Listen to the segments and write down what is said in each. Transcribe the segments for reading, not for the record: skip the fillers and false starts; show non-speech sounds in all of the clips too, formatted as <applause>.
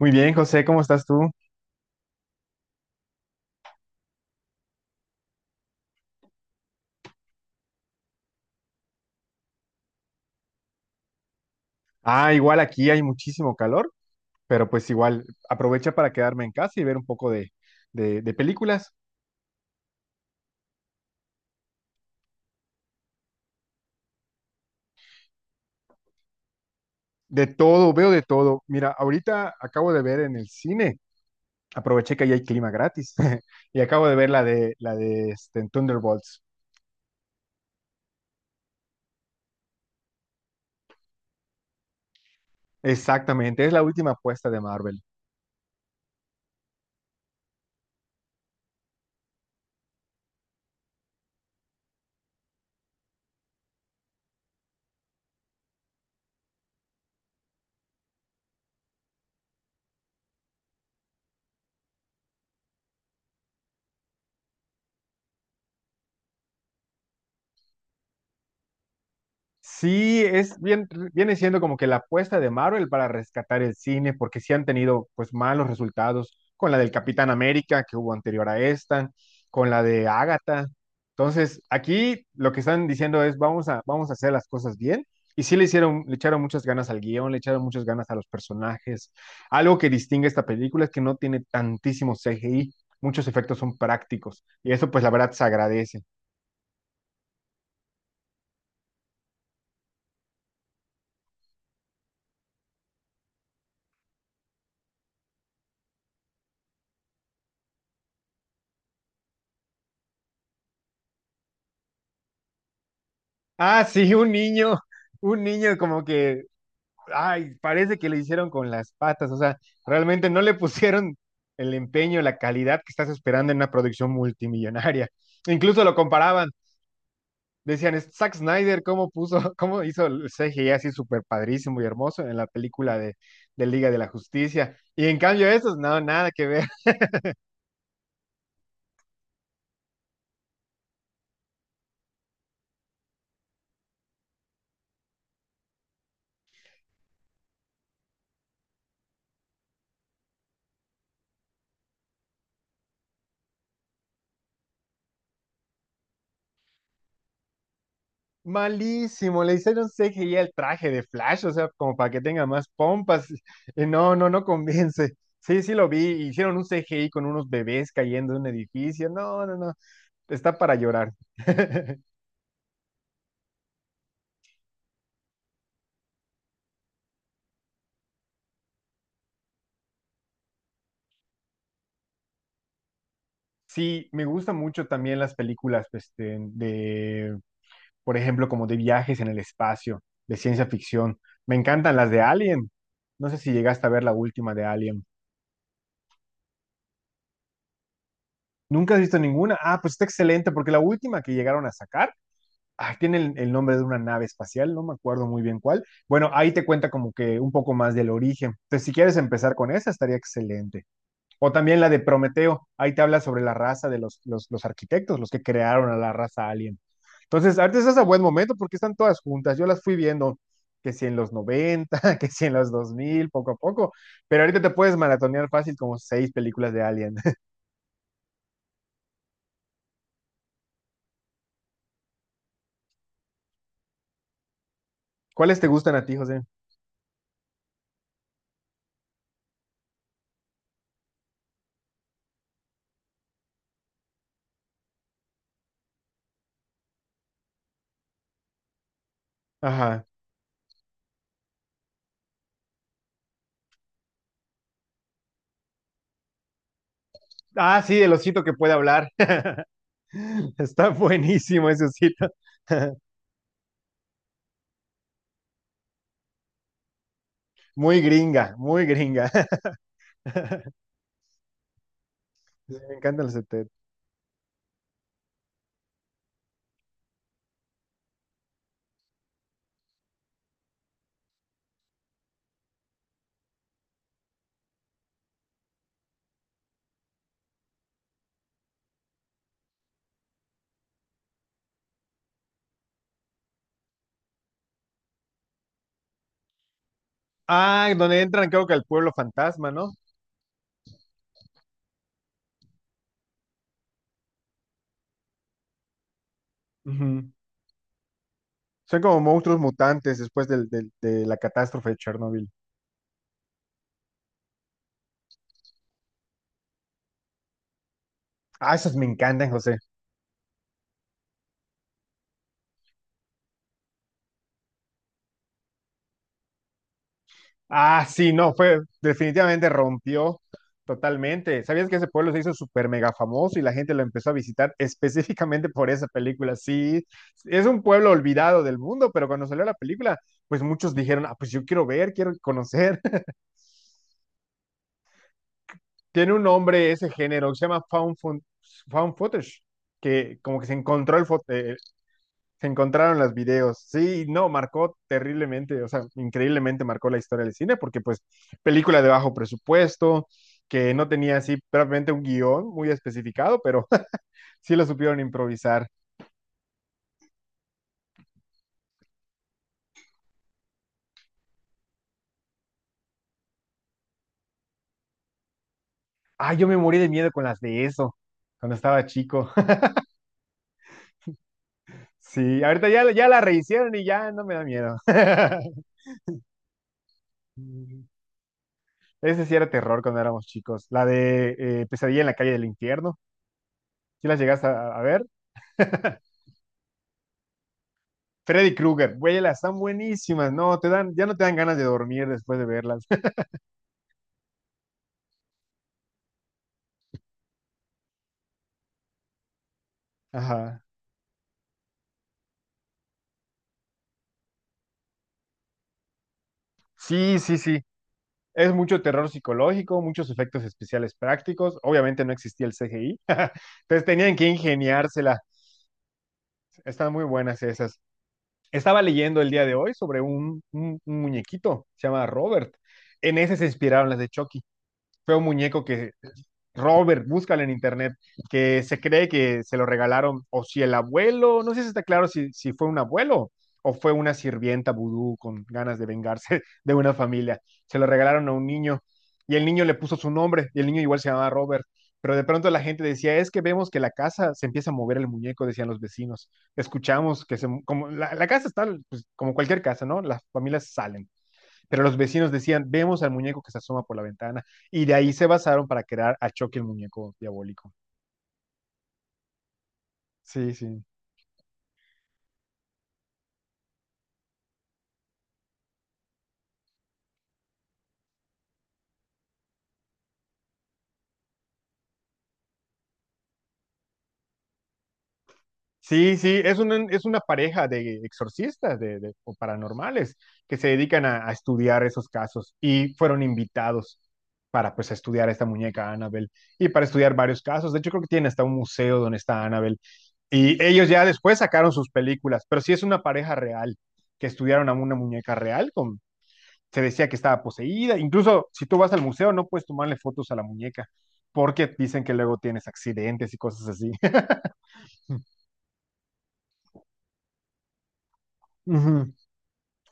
Muy bien, José, ¿cómo estás tú? Ah, igual aquí hay muchísimo calor, pero pues igual aprovecha para quedarme en casa y ver un poco de películas. De todo, veo de todo. Mira, ahorita acabo de ver en el cine, aproveché que ahí hay clima gratis <laughs> y acabo de ver la de Thunderbolts. Exactamente, es la última apuesta de Marvel. Sí, es bien, viene siendo como que la apuesta de Marvel para rescatar el cine, porque sí han tenido pues malos resultados con la del Capitán América que hubo anterior a esta, con la de Agatha. Entonces, aquí lo que están diciendo es vamos a hacer las cosas bien. Y sí le hicieron, le echaron muchas ganas al guión, le echaron muchas ganas a los personajes. Algo que distingue esta película es que no tiene tantísimo CGI, muchos efectos son prácticos. Y eso pues la verdad se agradece. Ah, sí, un niño como que ay, parece que le hicieron con las patas, o sea, realmente no le pusieron el empeño, la calidad que estás esperando en una producción multimillonaria. <laughs> Incluso lo comparaban, decían, "Es Zack Snyder, ¿cómo puso, <laughs> cómo hizo el CGI así súper padrísimo y hermoso en la película de Liga de la Justicia? Y en cambio esos, no, nada que ver. Malísimo, le hicieron CGI al traje de Flash, o sea, como para que tenga más pompas. <laughs> No, no convence. Sí, sí lo vi, hicieron un CGI con unos bebés cayendo de un edificio. No, no, no, está para llorar. <laughs> Sí, me gustan mucho también las películas, pues, de por ejemplo, como de viajes en el espacio, de ciencia ficción. Me encantan las de Alien. No sé si llegaste a ver la última de Alien. ¿Nunca has visto ninguna? Ah, pues está excelente, porque la última que llegaron a sacar ay, tiene el nombre de una nave espacial, no me acuerdo muy bien cuál. Bueno, ahí te cuenta como que un poco más del origen. Entonces, si quieres empezar con esa, estaría excelente. O también la de Prometeo, ahí te habla sobre la raza de los arquitectos, los que crearon a la raza alien. Entonces, ahorita estás a buen momento porque están todas juntas. Yo las fui viendo, que si en los 90, <laughs> que si en los 2000, poco a poco. Pero ahorita te puedes maratonear fácil como seis películas de Alien. <laughs> ¿Cuáles te gustan a ti, José? Ajá. Ah, sí, el osito que puede hablar. <laughs> <laughs> Está buenísimo ese sitio. Muy gringa, muy gringa. <laughs> Sí, me encanta el CT. Ah, donde entran, creo que al pueblo fantasma, ¿no? Ujú. Son como monstruos mutantes después de la catástrofe de Chernóbil. Ah, esos me encantan, José. Ah, sí, no, fue definitivamente rompió totalmente. ¿Sabías que ese pueblo se hizo súper mega famoso y la gente lo empezó a visitar específicamente por esa película? Sí, es un pueblo olvidado del mundo, pero cuando salió la película, pues muchos dijeron, ah, pues yo quiero ver, quiero conocer. Tiene un nombre ese género que se llama found footage, que como que se encontró se encontraron los videos. Sí, no, marcó terriblemente, o sea, increíblemente marcó la historia del cine, porque pues película de bajo presupuesto, que no tenía así prácticamente un guión muy especificado, pero <laughs> sí lo supieron improvisar. Ah, yo me morí de miedo con las de eso, cuando estaba chico. <laughs> Sí, ahorita ya la rehicieron y ya no me da miedo. <laughs> Ese sí era terror cuando éramos chicos. La de Pesadilla en la calle del infierno. ¿Sí las llegaste a ver? <laughs> Freddy Krueger, güey, las están buenísimas. No, te dan, ya no te dan ganas de dormir después de verlas. <laughs> Ajá. Sí, sí, sí. Es mucho terror psicológico, muchos efectos especiales prácticos. Obviamente no existía el CGI. <laughs> Entonces tenían que ingeniársela. Están muy buenas esas. Estaba leyendo el día de hoy sobre un muñequito, se llama Robert. En ese se inspiraron las de Chucky. Fue un muñeco que Robert, búscala en internet, que se cree que se lo regalaron, o si el abuelo, no sé si está claro si, si fue un abuelo o fue una sirvienta vudú con ganas de vengarse <laughs> de una familia. Se lo regalaron a un niño y el niño le puso su nombre y el niño igual se llamaba Robert. Pero de pronto la gente decía, es que vemos que la casa se empieza a mover el muñeco, decían los vecinos. Escuchamos que se, como la casa está, pues, como cualquier casa, ¿no? Las familias salen. Pero los vecinos decían, vemos al muñeco que se asoma por la ventana. Y de ahí se basaron para crear a Chucky el muñeco diabólico. Sí, sí. Sí, sí, es una pareja de exorcistas o paranormales que se dedican a estudiar esos casos y fueron invitados para pues estudiar a esta muñeca Annabelle y para estudiar varios casos. De hecho, creo que tienen hasta un museo donde está Annabelle y ellos ya después sacaron sus películas, pero sí es una pareja real que estudiaron a una muñeca real con se decía que estaba poseída. Incluso si tú vas al museo, no puedes tomarle fotos a la muñeca, porque dicen que luego tienes accidentes y cosas así. <laughs> Ujú.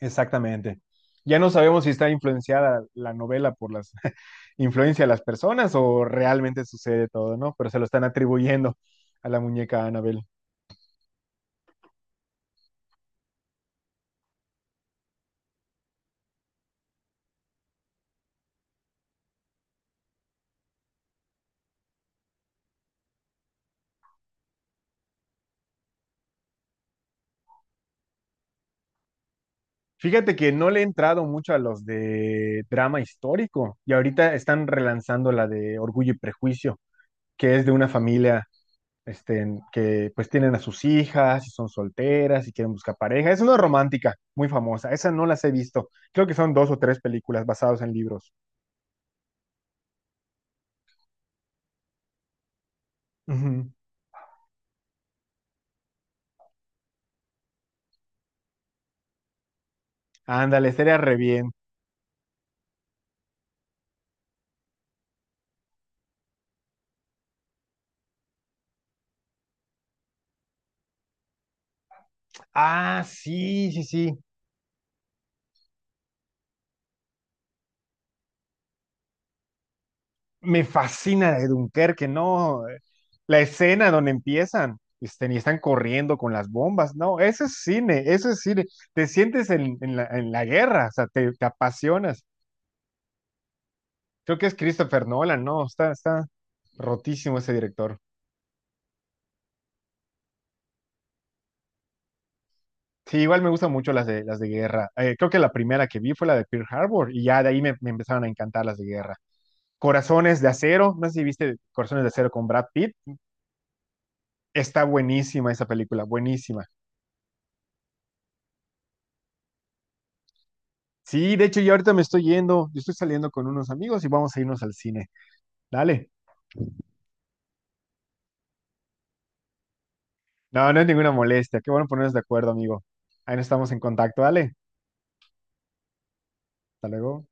Exactamente. Ya no sabemos si está influenciada la novela por las <laughs> influencia de las personas o realmente sucede todo, ¿no? Pero se lo están atribuyendo a la muñeca Annabelle. Fíjate que no le he entrado mucho a los de drama histórico y ahorita están relanzando la de Orgullo y Prejuicio, que es de una familia este, que pues tienen a sus hijas y son solteras y quieren buscar pareja. Es una romántica muy famosa, esa no las he visto. Creo que son dos o tres películas basadas en libros. Ujú. Ándale, estaría re bien. Ah, sí, sí, sí. Me fascina la de Dunkerque, no. La escena donde empiezan este, y están corriendo con las bombas, no, eso es cine, eso es cine. Te sientes en la guerra, o sea, te apasionas. Creo que es Christopher Nolan, no, está rotísimo ese director. Sí, igual me gustan mucho las de guerra. Creo que la primera que vi fue la de Pearl Harbor y ya de ahí me empezaron a encantar las de guerra. Corazones de Acero, no sé si viste Corazones de Acero con Brad Pitt. Está buenísima esa película, buenísima. Sí, de hecho, yo ahorita me estoy yendo, yo estoy saliendo con unos amigos y vamos a irnos al cine. Dale. No, no es ninguna molestia. Qué bueno ponernos de acuerdo, amigo. Ahí nos estamos en contacto, dale. Hasta luego.